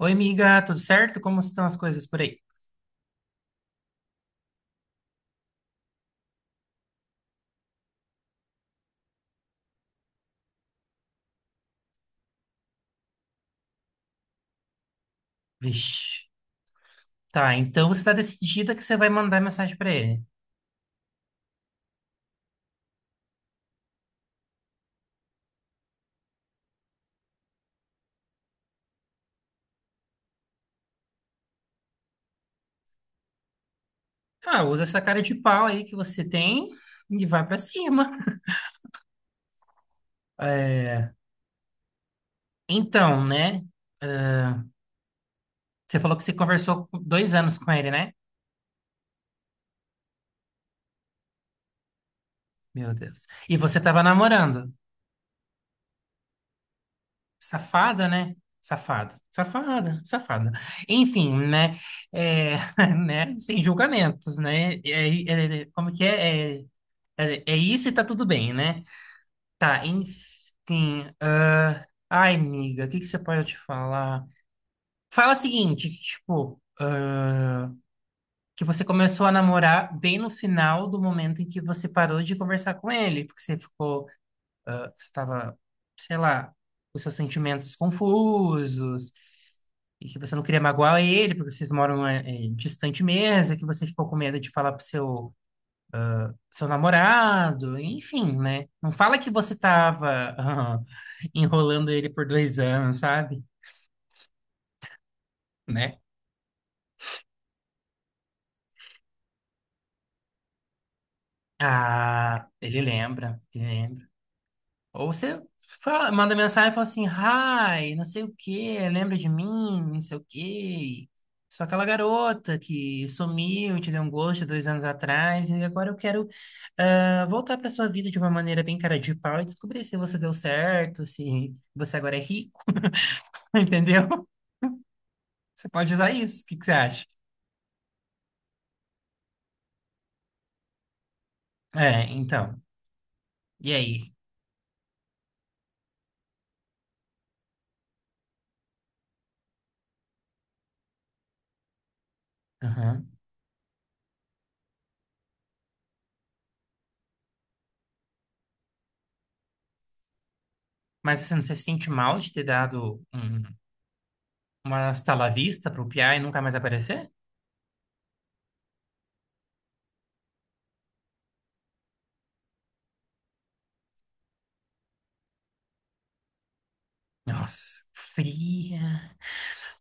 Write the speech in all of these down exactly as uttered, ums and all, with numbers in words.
Oi, amiga, tudo certo? Como estão as coisas por aí? Vixe. Tá, então você tá decidida que você vai mandar mensagem pra ele. Ah, usa essa cara de pau aí que você tem e vai pra cima. É, Então, né? Você falou que você conversou com- dois anos com ele, né? Meu Deus. E você tava namorando. Safada, né? Safada, safada, safada. Enfim, né? É, né? Sem julgamentos, né? É, é- é- como que é? É, é, é, isso e tá tudo bem, né? Tá, enfim. ah, Ai, amiga, o que que você pode eu te falar? Fala o seguinte, que, tipo, ah, que você começou a namorar bem no final do momento em que você parou de conversar com ele, porque você ficou, ah, você tava, sei lá, com seus sentimentos confusos, e que você não queria magoar ele, porque vocês moram eh, eh, distante mesmo, e que você ficou com medo de falar pro seu seu namorado, enfim, né? Não fala que você tava ah, enrolando ele por dois anos, sabe? Né? Ah, ele lembra, ele lembra. Ou você fala- manda mensagem e fala assim, hi, não sei o quê, lembra de mim, não sei o quê. Sou aquela garota que sumiu, te deu um gosto dois anos atrás, e agora eu quero ah, voltar para sua vida de uma maneira bem cara de pau e descobrir se você deu certo, se você agora é rico, entendeu? Você pode usar isso. O que que você acha? É, então. E aí? Aham. Mas você não se sente mal de ter dado um, uma estalavista la vista pro Piá e nunca mais aparecer? Nossa, fria.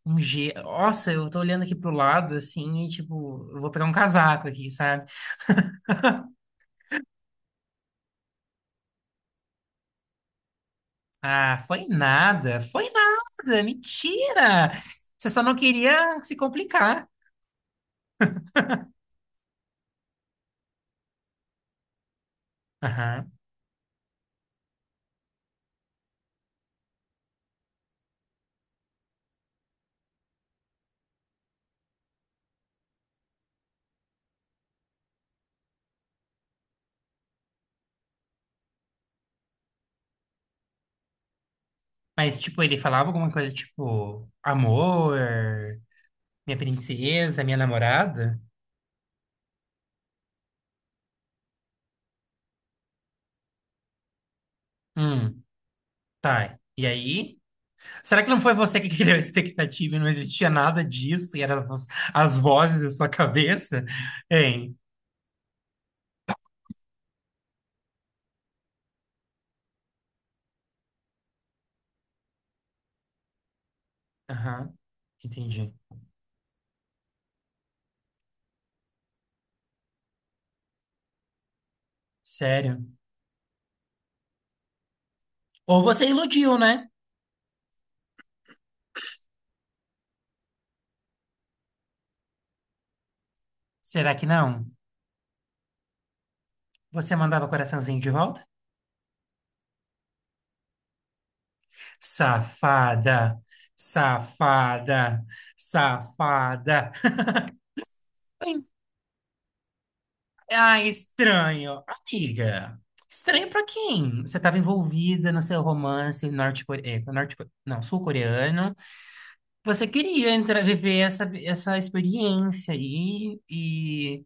Um g. Nossa, eu tô olhando aqui pro lado assim e tipo, eu vou pegar um casaco aqui, sabe? Ah, foi nada, foi nada, mentira! Você só não queria se complicar. Aham. Mas, tipo, ele falava alguma coisa tipo, amor, minha princesa, minha namorada? Hum, tá. E aí? Será que não foi você que criou a expectativa e não existia nada disso? E eram as, vo- as vozes da sua cabeça? Hein? Aham, entendi. Sério? Ou você iludiu, né? Será que não? Você mandava coraçãozinho de volta? Safada! Safada! Safada! Ah, estranho. Amiga, estranho pra quem? Você estava envolvida no seu romance norte-coreano, norte, não, sul-coreano. você queria entrar, viver essa, essa experiência aí, e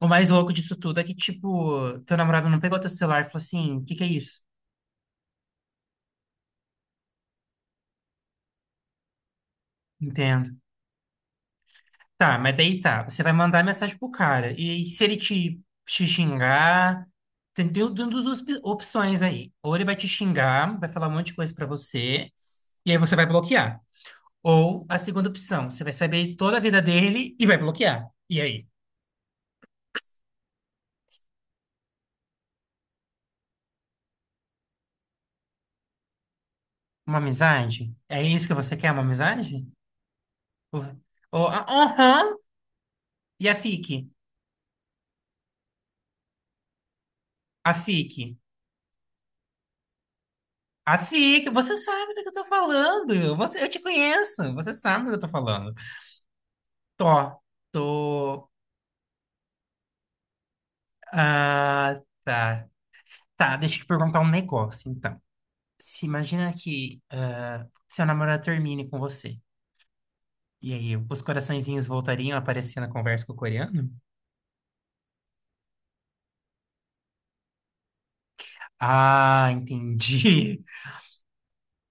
o mais louco disso tudo é que, tipo, teu namorado não pegou teu celular e falou assim, o que que é isso? Entendo. Tá, mas daí tá, você vai mandar mensagem pro cara, e se ele te, te xingar, tem tem duas op- opções aí, ou ele vai te xingar, vai falar um monte de coisa pra você, e aí você vai bloquear, ou a segunda opção, você vai saber toda a vida dele e vai bloquear, e aí? Uma amizade? É isso que você quer, uma amizade? Oh, aham. E a F I C? A F I C. A F I C, você sabe do que eu tô falando. Você, eu te conheço. Você sabe do que eu tô falando. Tô. Tô. Ah, tá. Tá, deixa eu te perguntar um negócio, então. Se imagina que ah, seu namorado termine com você. E aí, os coraçõezinhos voltariam a aparecer na conversa com o coreano? Ah, entendi.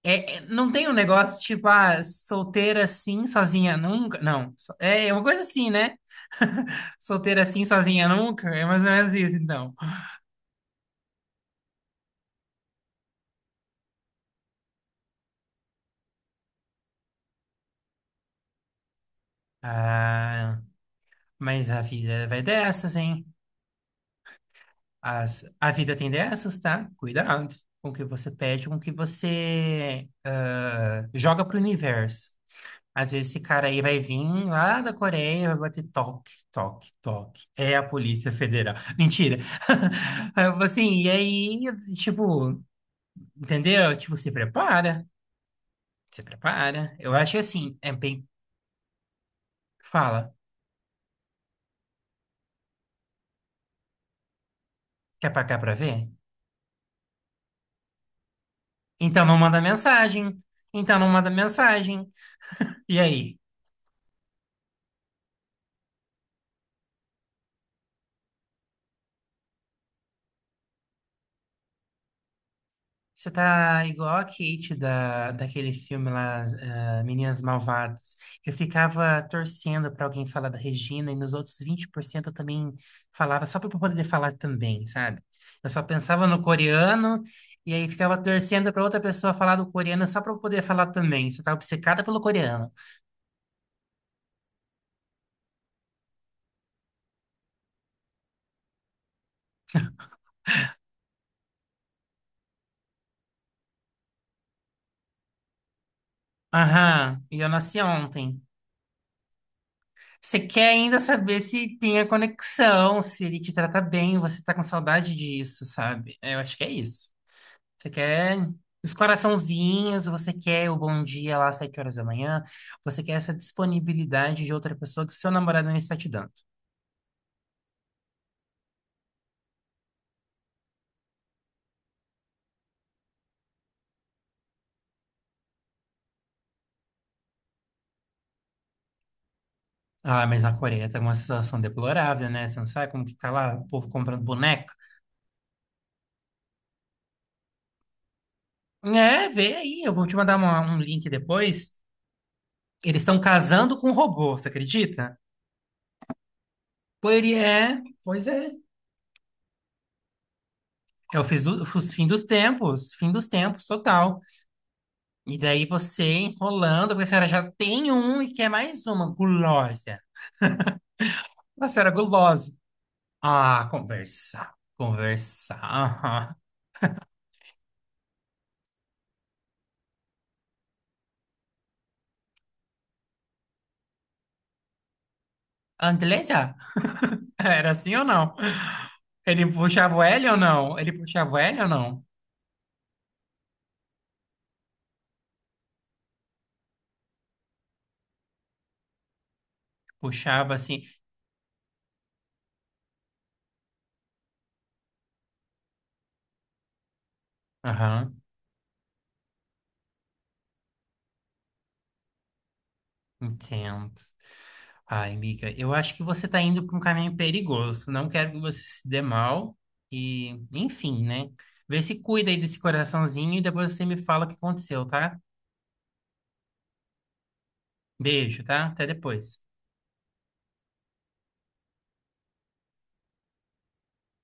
É, é- não tem um negócio tipo, ah, solteira assim, sozinha nunca? Não. so- É é uma coisa assim, né? Solteira assim, sozinha nunca? É mais ou menos isso, então. Ah, mas a vida vai dessas, hein? As, a vida tem dessas, tá? Cuidado com o que você pede, com o que você ah, joga pro universo. Às vezes esse cara aí vai vir lá da Coreia, vai bater toque, toque, toque. É a Polícia Federal. Mentira. Aí eu falo Assim, e aí, tipo, entendeu? Tipo, se prepara, se prepara. Eu acho que assim, é bem, fala, quer pagar pra ver? Então não manda mensagem. Então não manda mensagem. E aí? Você tá igual a Kate da, daquele filme lá, ah, Meninas Malvadas. Eu ficava torcendo pra alguém falar da Regina e nos outros vinte por cento eu também falava só pra eu poder falar também, sabe? Eu só pensava no coreano e aí ficava torcendo pra outra pessoa falar do coreano só pra eu poder falar também. Você tá obcecada pelo coreano. Aham, e eu nasci ontem. Você quer ainda saber se tem a conexão, se ele te trata bem, você tá com saudade disso, sabe? É, eu acho que é isso. Você quer os coraçãozinhos, você quer o bom dia lá às sete horas da manhã, você quer essa disponibilidade de outra pessoa que o seu namorado não está te dando. Ah, mas na Coreia tá uma situação deplorável, né? Você não sabe como que tá lá o povo comprando boneco? É, vê aí, eu vou te mandar uma- um link depois. Eles estão casando com um robô, você acredita? Pois ele é, pois é. É o fiz- os fim dos tempos, fim dos tempos, total. E daí você enrolando, porque a senhora já tem um e quer mais uma gulosa. Nossa, era gulosa. Ah, conversar, conversar. aham. Andresa? Era assim ou não? Ele puxava o L ou não? Ele puxava o L ou não? Puxava assim. Aham, entendo. Ai, amiga, eu acho que você tá indo para um caminho perigoso. Não quero que você se dê mal. E, enfim, né? Vê se cuida aí desse coraçãozinho e depois você me fala o que aconteceu, tá? Beijo, tá? Até depois.